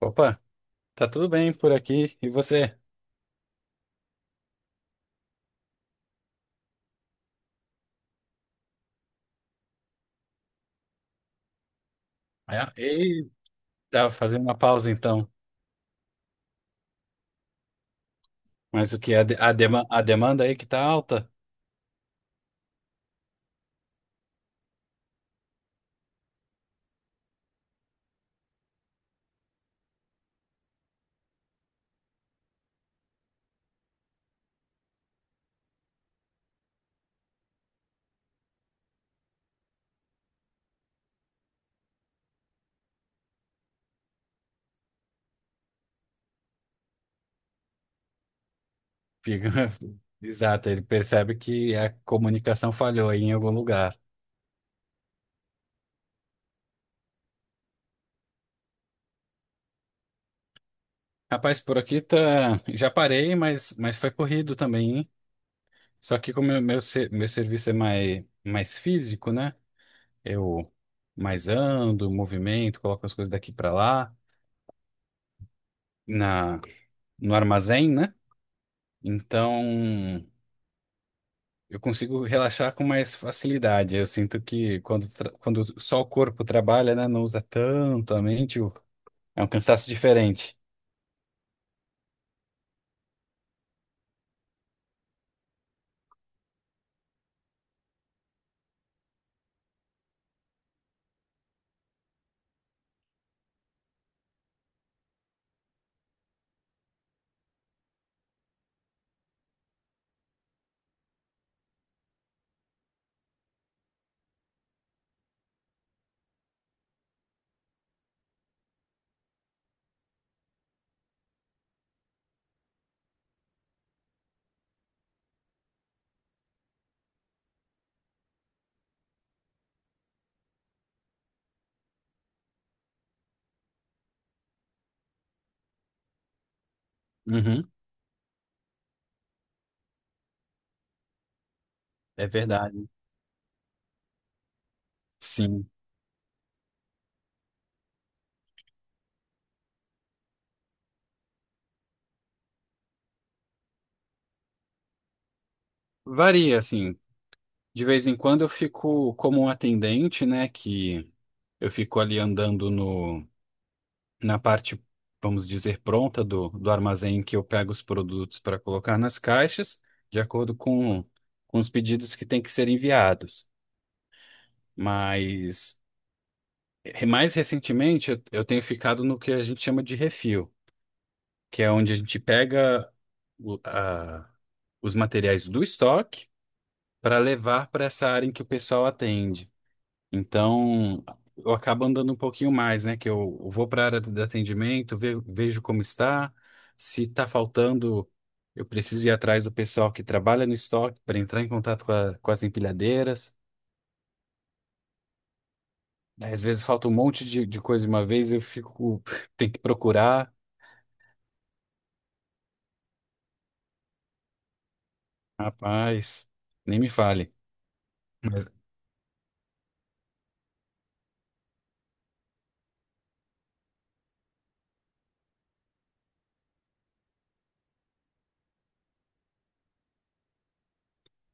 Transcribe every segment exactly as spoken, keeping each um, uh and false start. Opa, tá tudo bem por aqui e você? Ah, e tá fazendo uma pausa então. Mas o que a, de- a, dema- a demanda aí que tá alta? Fica- Exato, ele percebe que a comunicação falhou aí em algum lugar. Rapaz, por aqui tá, já parei, mas, mas foi corrido também, hein? Só que como meu, meu, ser- meu serviço é mais, mais físico, né? Eu mais ando, movimento, coloco as coisas daqui para lá na no armazém, né? Então, eu consigo relaxar com mais facilidade. Eu sinto que quando, tra- quando só o corpo trabalha, né, não usa tanto a mente, o- é um cansaço diferente. Uhum, é verdade. Sim. Varia, assim. De vez em quando eu fico como um atendente, né, que eu fico ali andando no na parte, vamos dizer, pronta do, do armazém que eu pego os produtos para colocar nas caixas, de acordo com, com os pedidos que têm que ser enviados. Mas eh, mais recentemente eu, eu tenho ficado no que a gente chama de refil, que é onde a gente pega o- a- os materiais do estoque para levar para essa área em que o pessoal atende. Então, eu acabo andando um pouquinho mais, né? Que eu eu vou para a área de atendimento, ve- vejo como está. Se está faltando, eu preciso ir atrás do pessoal que trabalha no estoque para entrar em contato com, a- com as empilhadeiras. Aí, às vezes falta um monte de, de coisa de uma vez, eu fico, tem que procurar. Rapaz, nem me fale. Mas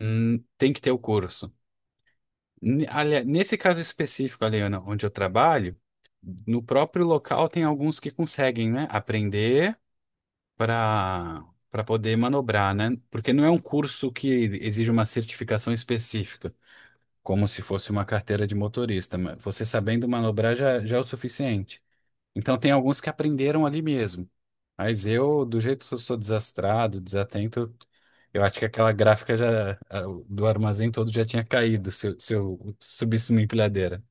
hum, tem que ter o curso. N- Aliás, nesse caso específico, Aliana, onde eu trabalho, no próprio local tem alguns que conseguem, né, aprender para para poder manobrar, né? Porque não é um curso que exige uma certificação específica, como se fosse uma carteira de motorista. Mas você sabendo manobrar já, já é o suficiente. Então tem alguns que aprenderam ali mesmo. Mas eu, do jeito que eu sou desastrado, desatento, eu acho que aquela gráfica já a- do armazém todo já tinha caído se eu, se eu subisse uma empilhadeira.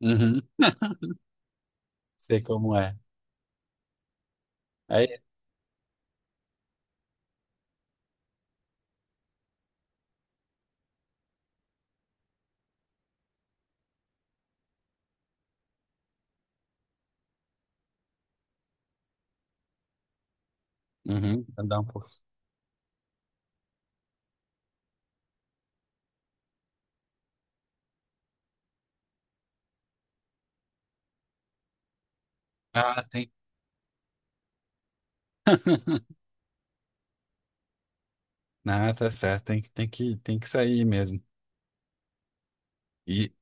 Uhum, sei como é. Aí, uhum, dá um pouco. Ah, tem. Ah, tá certo. Tem, que- tem que, tem que sair mesmo. E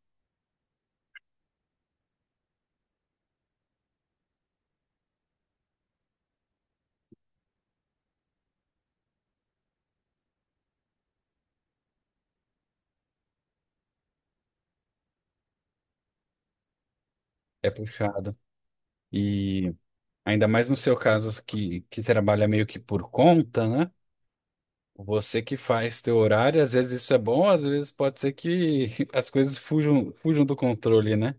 é puxado. E ainda mais no seu caso que, que trabalha meio que por conta, né? Você que faz teu horário, às vezes isso é bom, às vezes pode ser que as coisas fujam, fujam do controle, né?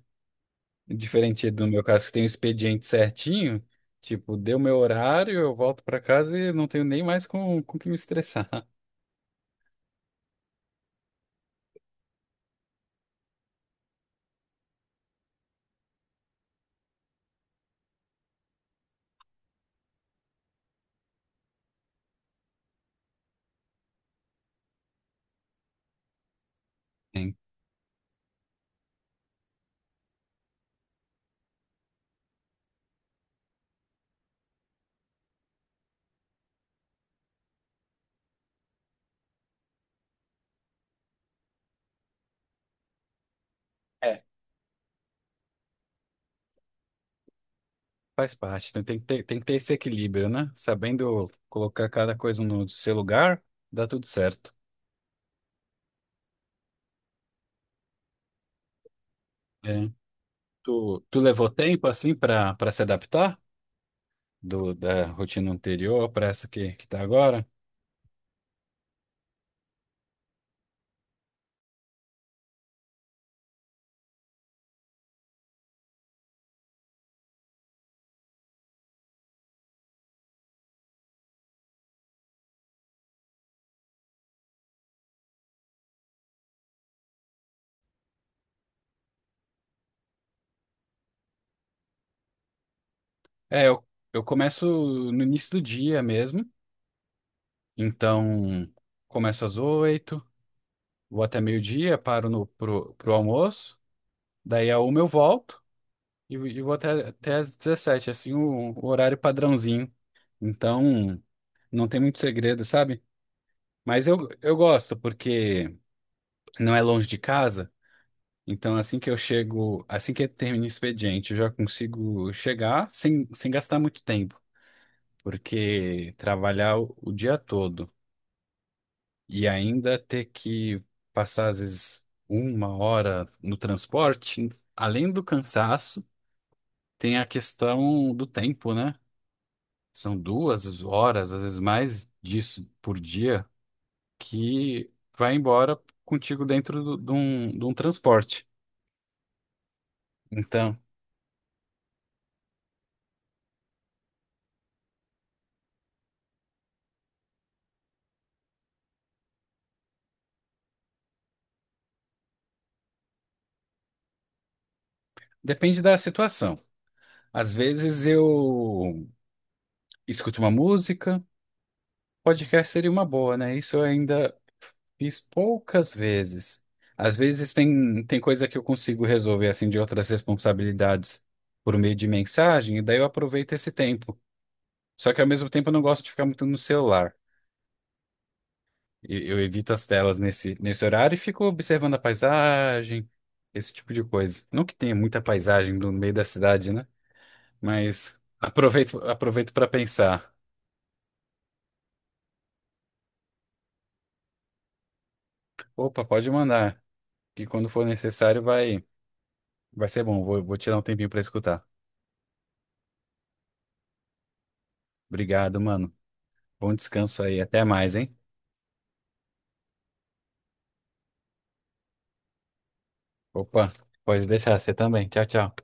Diferente do meu caso, que tem um expediente certinho, tipo, deu meu horário, eu volto para casa e não tenho nem mais com, com que me estressar. Sim. É, faz parte, né? Tem que ter, tem que ter esse equilíbrio, né? Sabendo colocar cada coisa no seu lugar, dá tudo certo. É. Tu, tu levou tempo assim para para se adaptar do, da rotina anterior para essa que, que tá agora? É, eu, eu começo no início do dia mesmo, então começo às oito, vou até meio-dia, paro no, pro, pro almoço, daí a uma eu volto e, e vou até, até às dezessete, assim, o, o horário padrãozinho. Então, não tem muito segredo, sabe? Mas eu, eu gosto, porque não é longe de casa. Então, assim que eu chego, assim que termina o expediente, eu já consigo chegar sem, sem gastar muito tempo. Porque trabalhar o, o dia todo e ainda ter que passar, às vezes, uma hora no transporte, além do cansaço, tem a questão do tempo, né? São duas horas, às vezes mais disso por dia, que vai embora contigo dentro do- de um, de um transporte. Então, depende da situação. Às vezes eu escuto uma música, podcast seria uma boa, né? Isso eu ainda fiz poucas vezes. Às vezes tem, tem coisa que eu consigo resolver, assim, de outras responsabilidades por meio de mensagem, e daí eu aproveito esse tempo. Só que ao mesmo tempo eu não gosto de ficar muito no celular. E- Eu evito as telas nesse, nesse horário e fico observando a paisagem, esse tipo de coisa. Não que tenha muita paisagem no meio da cidade, né? Mas aproveito, aproveito para pensar. Opa, pode mandar, que quando for necessário vai, vai ser bom. Vou, vou tirar um tempinho para escutar. Obrigado, mano. Bom descanso aí. Até mais, hein? Opa, pode deixar você também. Tchau, tchau.